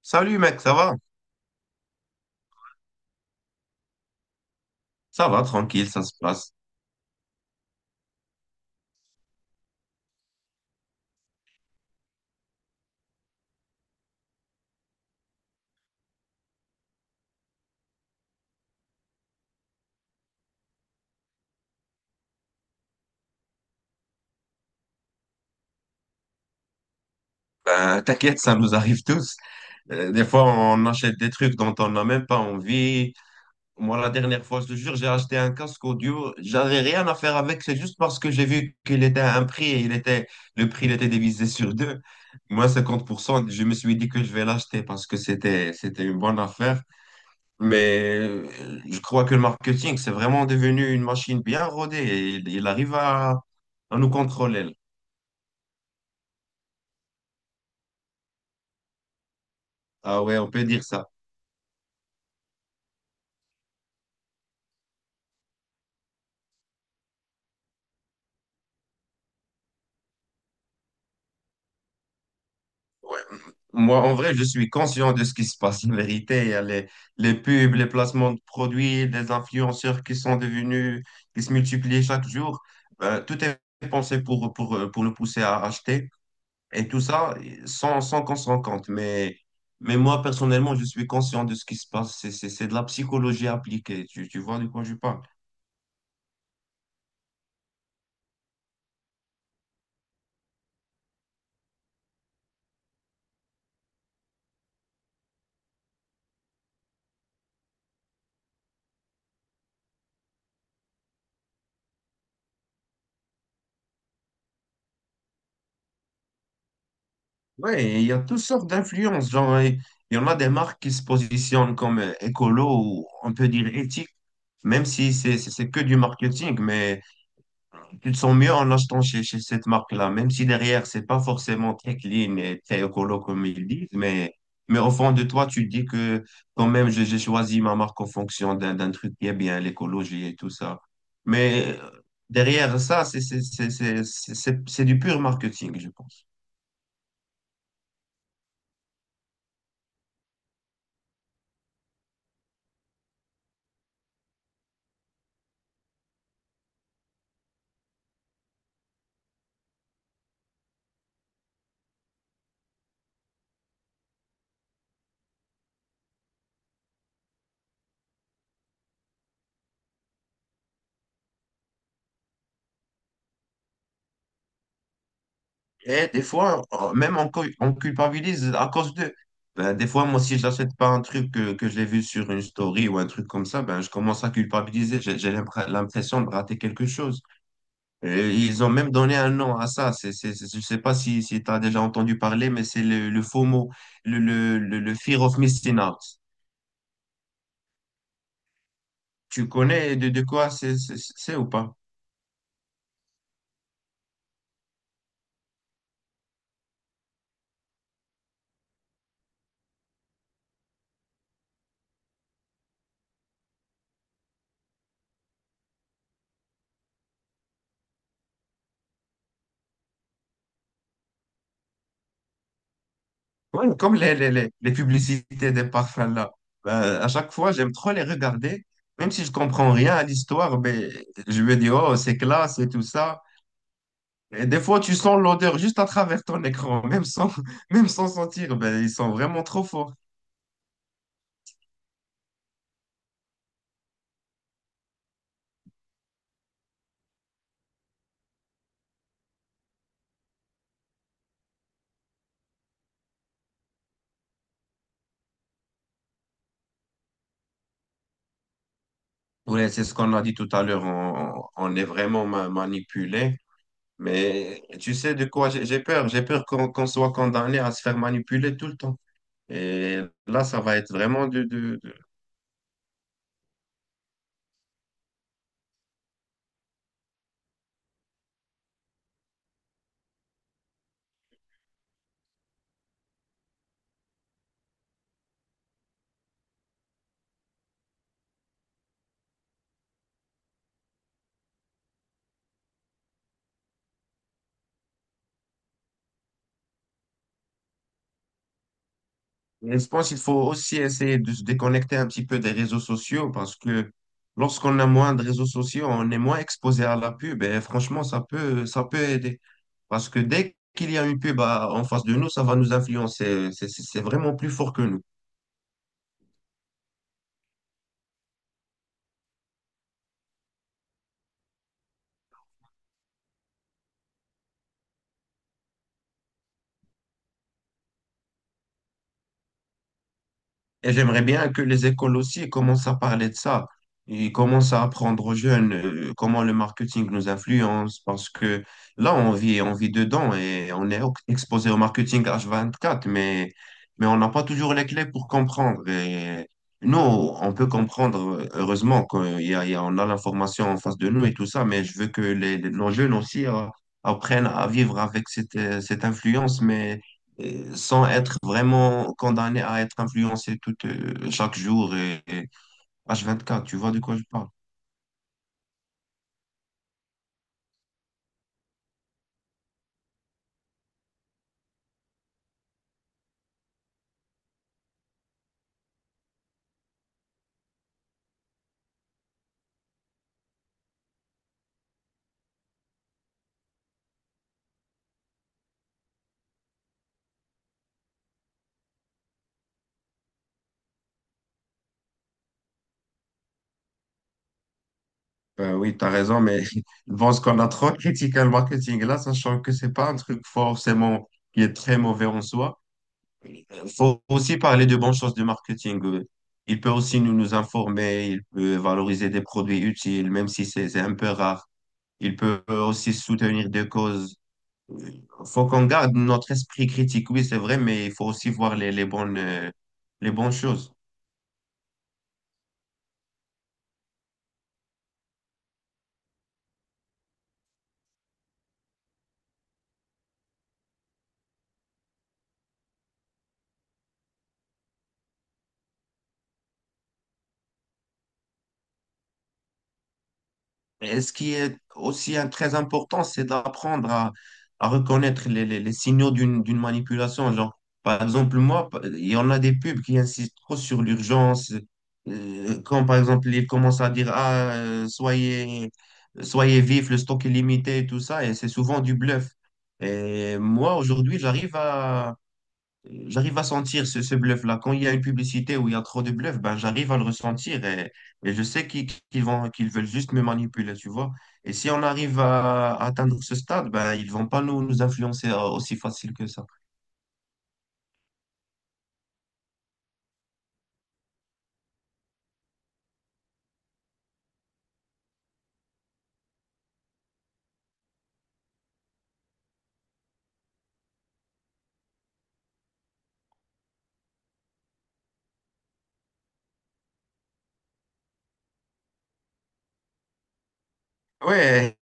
Salut mec, ça va? Ça va, tranquille, ça se passe. Ben, t'inquiète, ça nous arrive tous. Des fois, on achète des trucs dont on n'a même pas envie. Moi, la dernière fois, je te jure, j'ai acheté un casque audio. J'avais rien à faire avec, c'est juste parce que j'ai vu qu'il était à un prix et le prix il était divisé sur deux. Moi, 50%, je me suis dit que je vais l'acheter parce que c'était une bonne affaire. Mais je crois que le marketing, c'est vraiment devenu une machine bien rodée et il arrive à nous contrôler. Ah ouais, on peut dire ça. Moi, en vrai, je suis conscient de ce qui se passe. En vérité, il y a les pubs, les placements de produits, les influenceurs qui se multiplient chaque jour. Tout est pensé pour le pousser à acheter et tout ça sans qu'on s'en rende compte. Mais moi, personnellement, je suis conscient de ce qui se passe. C'est de la psychologie appliquée. Tu vois de quoi je parle? Ouais, et il y a toutes sortes d'influences. Genre, il y en a des marques qui se positionnent comme écolo ou on peut dire éthique, même si c'est que du marketing, mais tu te sens mieux en achetant chez cette marque-là, même si derrière, c'est pas forcément très clean et très écolo comme ils disent, mais au fond de toi, tu te dis que quand même, j'ai choisi ma marque en fonction d'un truc qui est bien, l'écologie et tout ça. Mais derrière ça, c'est du pur marketing, je pense. Et des fois, on culpabilise à cause d'eux. Ben, des fois, moi, si je n'achète pas un truc que j'ai vu sur une story ou un truc comme ça, ben, je commence à culpabiliser. J'ai l'impression de rater quelque chose. Et ils ont même donné un nom à ça. Je ne sais pas si tu as déjà entendu parler, mais c'est le FOMO, le Fear of Missing Out. Tu connais de quoi c'est ou pas? Ouais, comme les publicités des parfums là. Ben, à chaque fois, j'aime trop les regarder. Même si je comprends rien à l'histoire, mais je me dis, oh, c'est classe et tout ça. Et des fois, tu sens l'odeur juste à travers ton écran, même sans, même sans sentir. Ben, ils sont vraiment trop forts. Oui, c'est ce qu'on a dit tout à l'heure. On est vraiment manipulé. Mais tu sais de quoi j'ai peur. J'ai peur qu'on soit condamné à se faire manipuler tout le temps. Et là, ça va être vraiment dur. Et je pense qu'il faut aussi essayer de se déconnecter un petit peu des réseaux sociaux parce que lorsqu'on a moins de réseaux sociaux, on est moins exposé à la pub et franchement, ça peut aider. Parce que dès qu'il y a une pub en face de nous, ça va nous influencer. C'est vraiment plus fort que nous. Et j'aimerais bien que les écoles aussi commencent à parler de ça. Ils commencent à apprendre aux jeunes comment le marketing nous influence parce que là, on vit dedans et on est exposé au marketing H24, mais on n'a pas toujours les clés pour comprendre. Et nous, on peut comprendre, heureusement, qu'on y a, il y a- on a l'information en face de nous et tout ça, mais je veux que nos jeunes aussi apprennent à vivre avec cette influence, mais sans être vraiment condamné à être influencé chaque jour et h quatre, tu vois de quoi je parle? Ben oui, tu as raison, mais bon, ce qu'on a trop critiqué le marketing là, sachant que c'est pas un truc forcément qui est très mauvais en soi. Il faut aussi parler de bonnes choses du marketing. Il peut aussi nous informer, il peut valoriser des produits utiles, même si c'est un peu rare. Il peut aussi soutenir des causes. Faut qu'on garde notre esprit critique, oui, c'est vrai, mais il faut aussi voir les bonnes choses. Et ce qui est aussi très important, c'est d'apprendre à reconnaître les signaux d'une manipulation. Genre, par exemple, moi, il y en a des pubs qui insistent trop sur l'urgence. Quand, par exemple, ils commencent à dire, ah, soyez vif, le stock est limité, et tout ça, et c'est souvent du bluff. Et moi, aujourd'hui, j'arrive à sentir ce bluff-là. Quand il y a une publicité où il y a trop de bluff, ben j'arrive à le ressentir et je sais qu'ils veulent juste me manipuler, tu vois. Et si on arrive à atteindre ce stade, ben ils vont pas nous influencer aussi facile que ça. Ouais,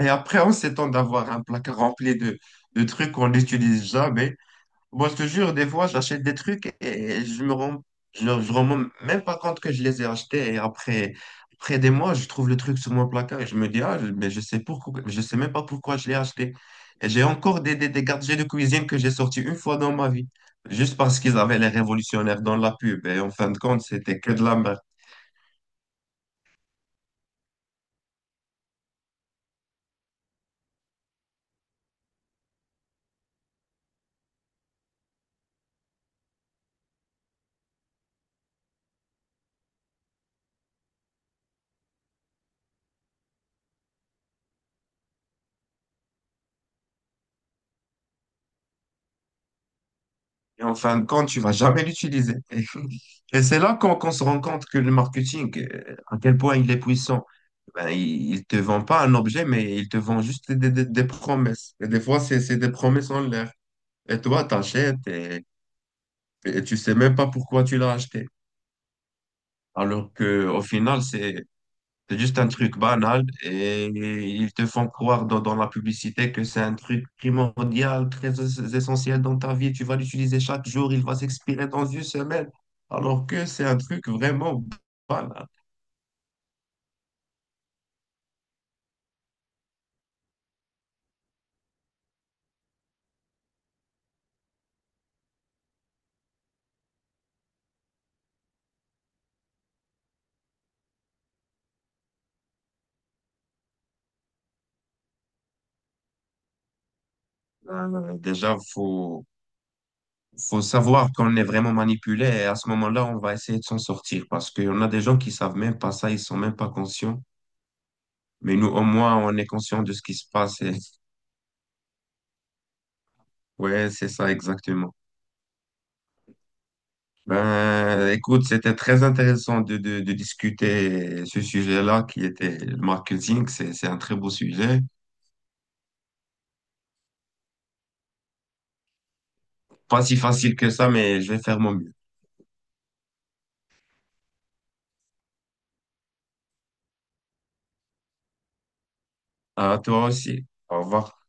et après on s'étend d'avoir un placard rempli de trucs qu'on n'utilise jamais. Moi, je te jure, des fois, j'achète des trucs et je rends même pas compte que je les ai achetés. Et après des mois, je trouve le truc sur mon placard et je me dis, ah, mais je sais pourquoi, je sais même pas pourquoi je l'ai acheté. Et j'ai encore des gadgets de cuisine que j'ai sortis une fois dans ma vie, juste parce qu'ils avaient les révolutionnaires dans la pub. Et en fin de compte, c'était que de la merde. Et en fin de compte, tu vas jamais l'utiliser. Et c'est là qu'on se rend compte que le marketing, à quel point il est puissant. Ben, il te vend pas un objet, mais il te vend juste des promesses. Et des fois, c'est des promesses en l'air. Et toi, t'achètes et tu sais même pas pourquoi tu l'as acheté. Alors que au final, c'est juste un truc banal et ils te font croire dans la publicité que c'est un truc primordial, très essentiel dans ta vie. Tu vas l'utiliser chaque jour, il va s'expirer dans une semaine. Alors que c'est un truc vraiment banal. Déjà, faut savoir qu'on est vraiment manipulé et à ce moment-là, on va essayer de s'en sortir parce qu'on a des gens qui savent même pas ça, ils sont même pas conscients. Mais nous, au moins, on est conscient de ce qui se passe. Et. Ouais, c'est ça exactement. Ben, écoute, c'était très intéressant de discuter ce sujet-là qui était le marketing. C'est un très beau sujet. Pas si facile que ça, mais je vais faire mon mieux. À toi aussi. Au revoir.